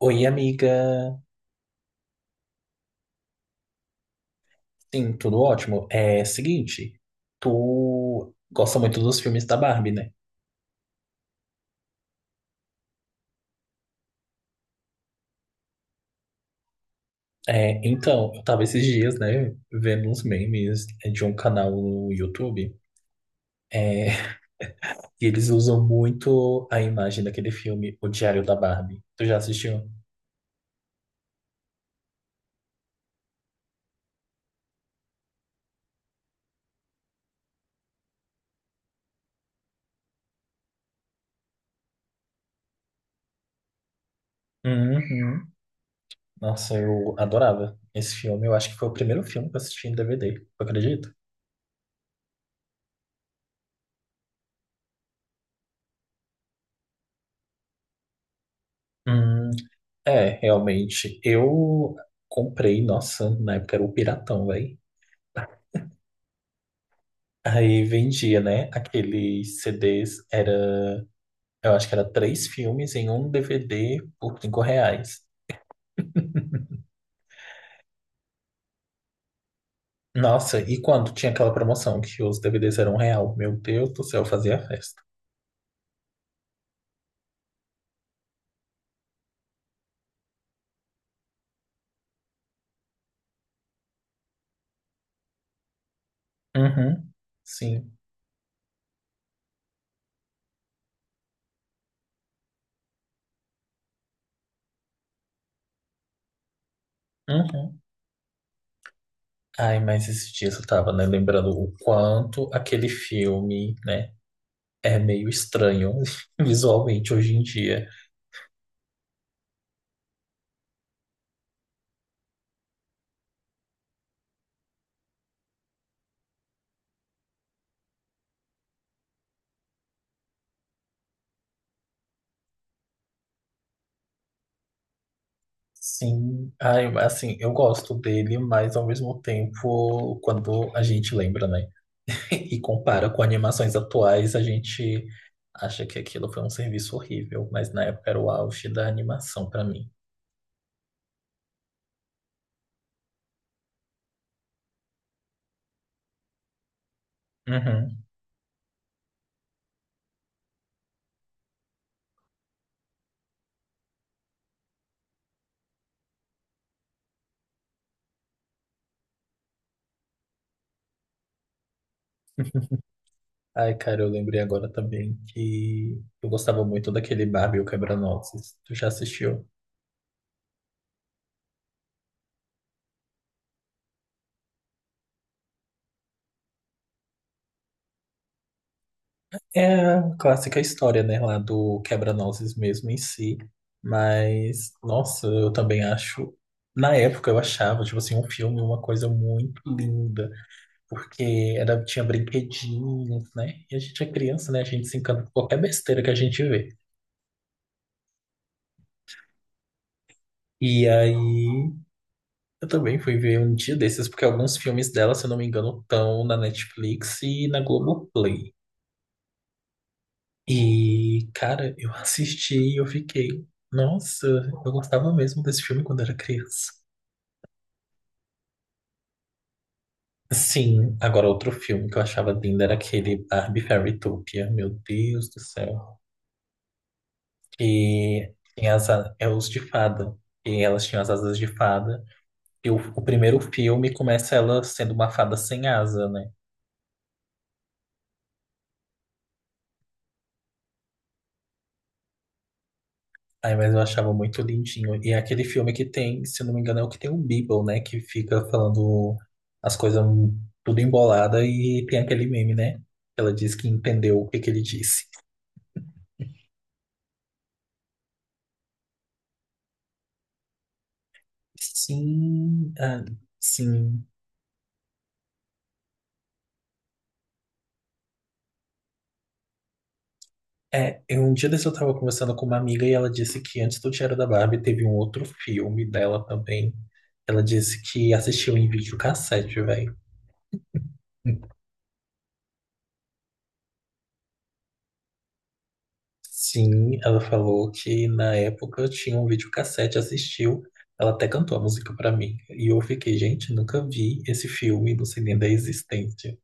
Oi, amiga. Sim, tudo ótimo. É seguinte, tu gosta muito dos filmes da Barbie, né? É, então, eu tava esses dias, né, vendo uns memes de um canal no YouTube, é, e eles usam muito a imagem daquele filme, O Diário da Barbie. Tu já assistiu? Uhum. Nossa, eu adorava esse filme. Eu acho que foi o primeiro filme que eu assisti em DVD, tu acredita? Hum, é, realmente. Eu comprei, nossa, na época era o Piratão, velho. Aí vendia, né? Aqueles CDs era, eu acho que era três filmes em um DVD por R$ 5. Nossa, e quando tinha aquela promoção que os DVDs eram um real? Meu Deus do céu, eu fazia festa. Uhum, sim. Uhum. Ai, mas esses dias eu tava, né, lembrando o quanto aquele filme, né, é meio estranho visualmente hoje em dia. Sim, ai, assim, eu gosto dele, mas ao mesmo tempo, quando a gente lembra, né? E compara com animações atuais, a gente acha que aquilo foi um serviço horrível, mas na época era o auge da animação pra mim. Uhum. Ai, cara, eu lembrei agora também que eu gostava muito daquele Barbie e o Quebra-Nozes. Tu já assistiu? É a clássica história, né, lá do Quebra-Nozes mesmo em si. Mas, nossa, eu também acho. Na época eu achava, tipo assim, um filme uma coisa muito linda, porque era, tinha brinquedinhos, né? E a gente é criança, né? A gente se encanta com qualquer besteira que a gente vê. E aí, eu também fui ver um dia desses, porque alguns filmes dela, se eu não me engano, estão na Netflix e na Globoplay. E, cara, eu assisti e eu fiquei, nossa, eu gostava mesmo desse filme quando era criança. Sim, agora outro filme que eu achava lindo era aquele Barbie Fairytopia. Meu Deus do céu. Que tem as é os de fada. E elas tinham as asas de fada. E o primeiro filme começa ela sendo uma fada sem asa, né? Ai, mas eu achava muito lindinho. E é aquele filme que tem, se eu não me engano, é o que tem o Beeble, né? Que fica falando as coisas tudo embolada e tem aquele meme, né? Ela diz que entendeu o que que ele disse. Sim, ah, sim. É, eu, um dia desse eu tava conversando com uma amiga e ela disse que antes do Diário da Barbie teve um outro filme dela também. Ela disse que assistiu em videocassete, velho. Sim, ela falou que na época tinha um videocassete, assistiu. Ela até cantou a música pra mim. E eu fiquei, gente, nunca vi esse filme, não sei nem da existência.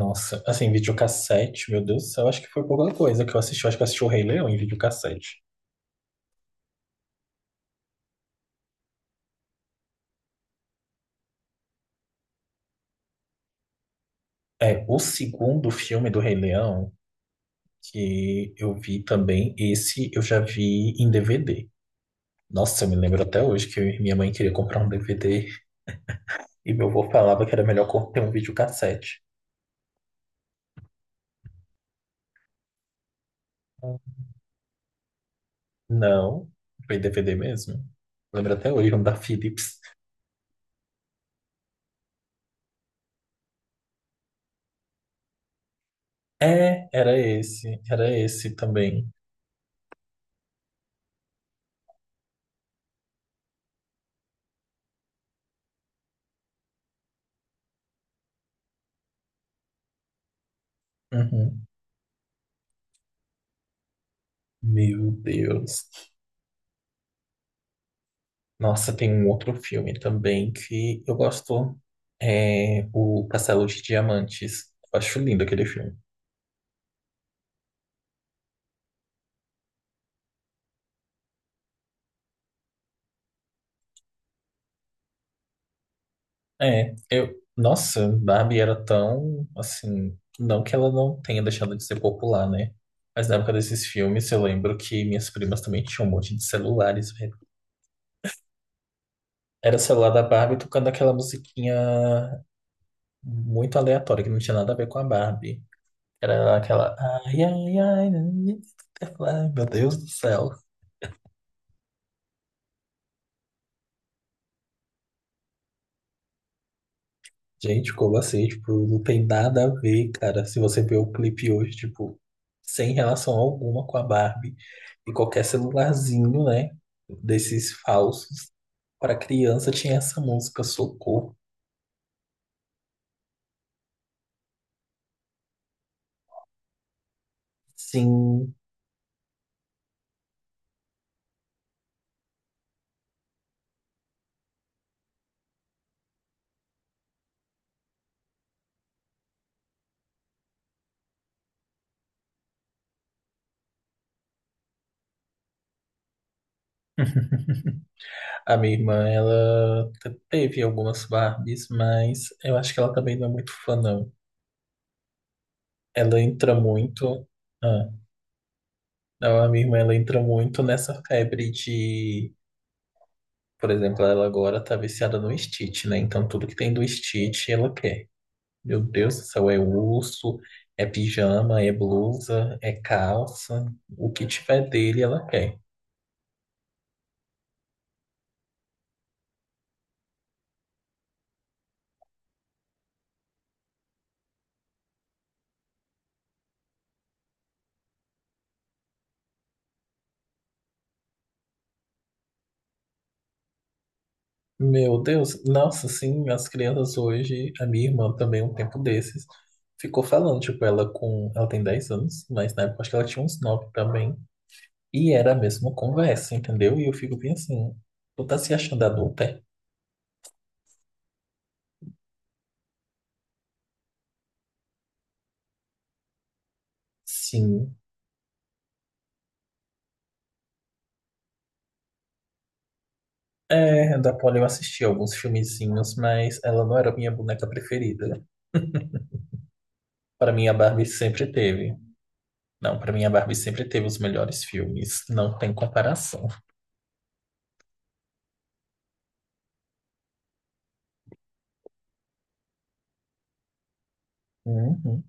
Nossa, assim, videocassete, meu Deus do céu, acho que foi pouca coisa que eu assisti. Eu acho que eu assisti o Rei Leão em videocassete. É, o segundo filme do Rei Leão, que eu vi também. Esse eu já vi em DVD. Nossa, eu me lembro até hoje que minha mãe queria comprar um DVD e meu avô falava que era melhor ter um videocassete. Não, foi DVD mesmo. Lembro até hoje, um da Philips. É, era esse também. Uhum. Meu Deus. Nossa, tem um outro filme também que eu gosto, é o Castelo de Diamantes. Eu acho lindo aquele filme. É, eu. Nossa, Barbie era tão. Assim. Não que ela não tenha deixado de ser popular, né? Mas na época desses filmes, eu lembro que minhas primas também tinham um monte de celulares, velho. Era o celular da Barbie tocando aquela musiquinha muito aleatória, que não tinha nada a ver com a Barbie. Era aquela. Ai, ai, ai. Ai, meu Deus do céu. Gente, como assim? Tipo, não tem nada a ver, cara. Se você ver o clipe hoje, tipo, sem relação alguma com a Barbie e qualquer celularzinho, né? Desses falsos. Para criança tinha essa música, Socorro. Sim, a minha irmã, ela teve algumas Barbies, mas eu acho que ela também não é muito fã, não. Ela entra muito. Ah, não, a minha irmã, ela entra muito nessa febre de. Por exemplo, ela agora tá viciada no Stitch, né? Então tudo que tem do Stitch ela quer. Meu Deus do céu, é urso, é pijama, é blusa, é calça. O que tiver dele ela quer. Meu Deus, nossa, sim, as crianças hoje, a minha irmã também, um tempo desses, ficou falando, tipo, ela tem 10 anos, mas na época acho que ela tinha uns 9 também, e era a mesma conversa, entendeu? E eu fico bem assim, tu tá se achando adulta? É? Sim, é, da Polly eu assisti alguns filmezinhos, mas ela não era a minha boneca preferida. Para mim, a Barbie sempre teve. Não, para mim, a Barbie sempre teve os melhores filmes. Não tem comparação. Uhum.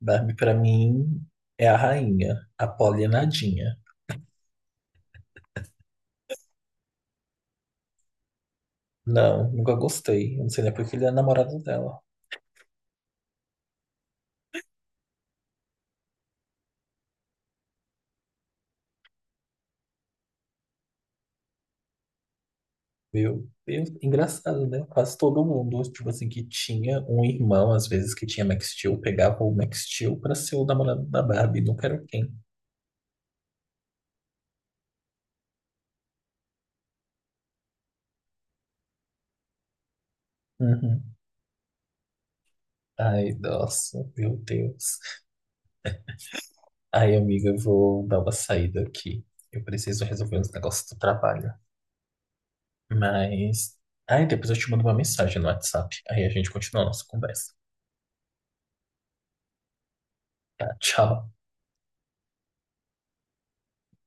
Barbie, para mim, é a rainha. A Polly é nadinha. Não, nunca gostei. Eu não sei nem porque ele é namorado dela. Meu Deus, engraçado, né? Quase todo mundo, tipo assim, que tinha um irmão, às vezes, que tinha Max Steel, pegava o Max Steel pra ser o namorado da Barbie. Não quero quem. Ai, nossa, meu Deus. Ai, amiga, eu vou dar uma saída aqui. Eu preciso resolver uns negócios do trabalho. Mas. Ai, depois eu te mando uma mensagem no WhatsApp. Aí a gente continua a nossa conversa. Tá, tchau.